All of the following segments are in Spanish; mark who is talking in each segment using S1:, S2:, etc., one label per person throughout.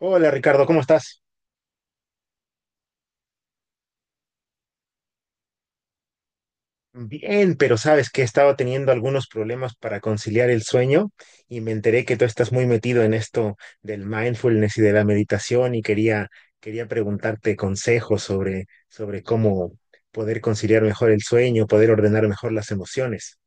S1: Hola, Ricardo, ¿cómo estás? Bien, pero sabes que he estado teniendo algunos problemas para conciliar el sueño y me enteré que tú estás muy metido en esto del mindfulness y de la meditación y quería preguntarte consejos sobre cómo poder conciliar mejor el sueño, poder ordenar mejor las emociones.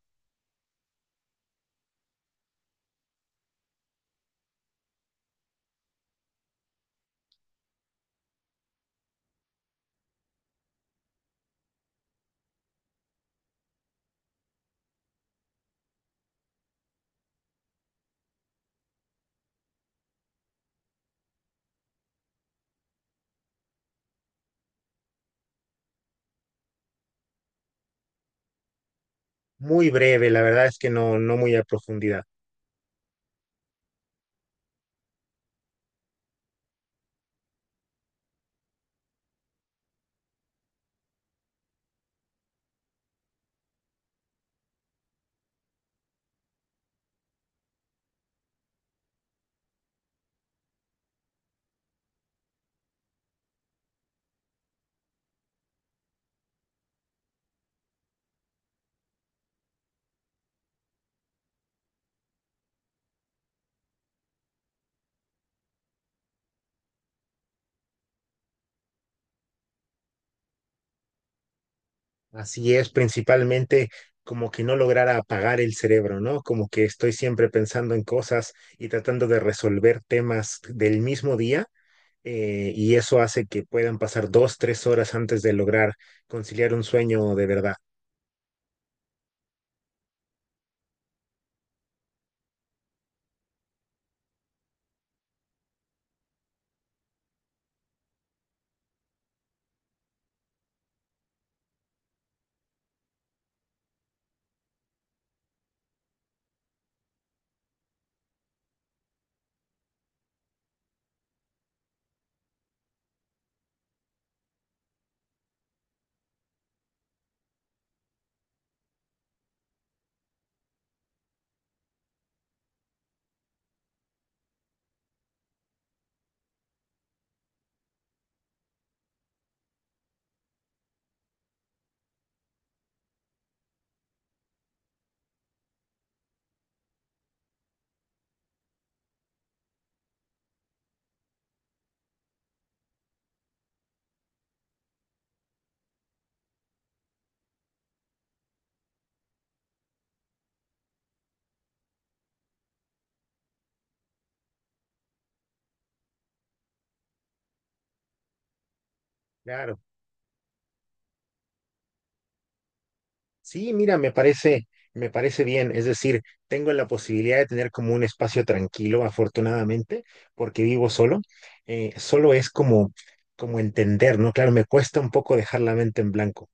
S1: Muy breve, la verdad es que no muy a profundidad. Así es, principalmente como que no lograra apagar el cerebro, ¿no? Como que estoy siempre pensando en cosas y tratando de resolver temas del mismo día, y eso hace que puedan pasar dos, tres horas antes de lograr conciliar un sueño de verdad. Claro. Sí, mira, me parece bien. Es decir, tengo la posibilidad de tener como un espacio tranquilo, afortunadamente, porque vivo solo. Solo es como, como entender, ¿no? Claro, me cuesta un poco dejar la mente en blanco.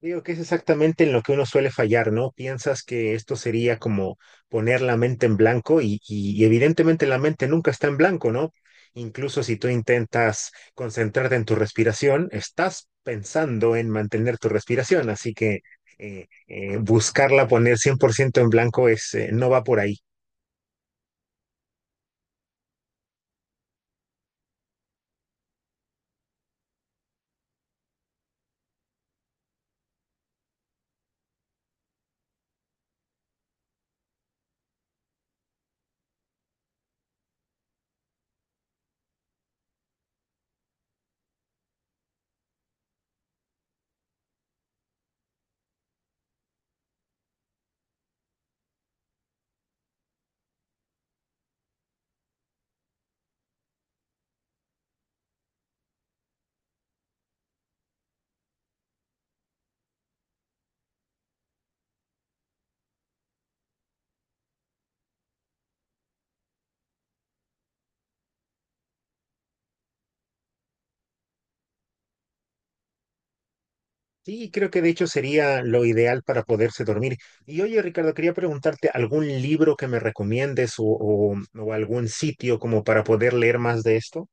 S1: Digo que es exactamente en lo que uno suele fallar, ¿no? Piensas que esto sería como poner la mente en blanco y evidentemente la mente nunca está en blanco, ¿no? Incluso si tú intentas concentrarte en tu respiración, estás pensando en mantener tu respiración, así que buscarla poner 100% en blanco es, no va por ahí. Sí, creo que de hecho sería lo ideal para poderse dormir. Y oye, Ricardo, quería preguntarte algún libro que me recomiendes o algún sitio como para poder leer más de esto.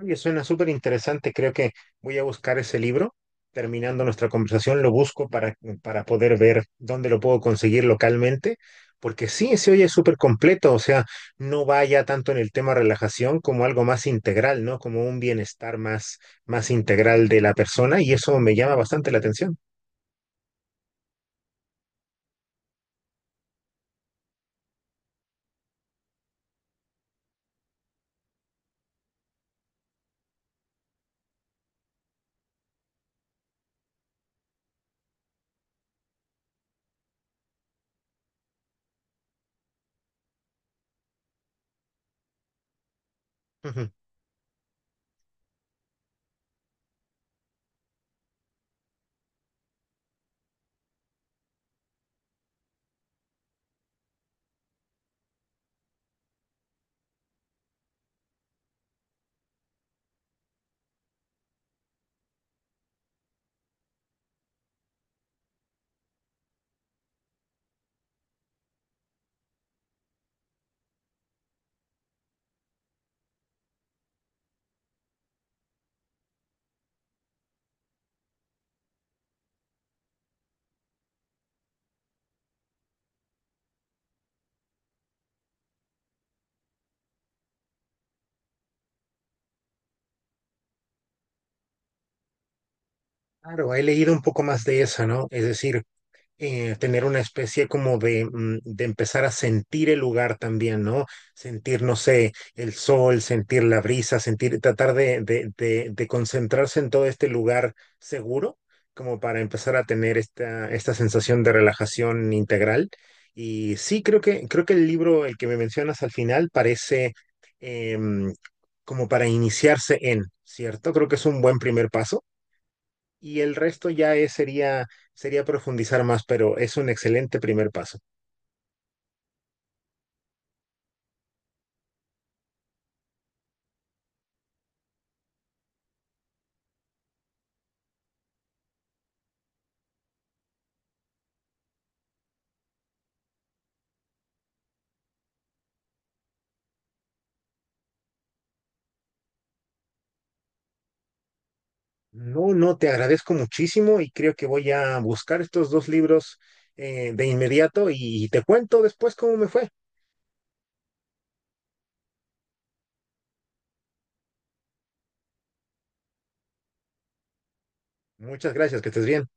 S1: Oye, suena súper interesante. Creo que voy a buscar ese libro. Terminando nuestra conversación, lo busco para poder ver dónde lo puedo conseguir localmente. Porque sí, se oye súper completo. O sea, no vaya tanto en el tema relajación como algo más integral, ¿no? Como un bienestar más integral de la persona. Y eso me llama bastante la atención. Ujú. Claro, he leído un poco más de eso, ¿no? Es decir, tener una especie como de de empezar a sentir el lugar también, ¿no? Sentir, no sé, el sol, sentir la brisa, sentir, tratar de concentrarse en todo este lugar seguro, como para empezar a tener esta sensación de relajación integral. Y sí, creo que el libro, el que me mencionas al final, parece em, como para iniciarse en, ¿cierto? Creo que es un buen primer paso. Y el resto ya sería profundizar más, pero es un excelente primer paso. No, no, te agradezco muchísimo y creo que voy a buscar estos dos libros de inmediato y te cuento después cómo me fue. Muchas gracias, que estés bien.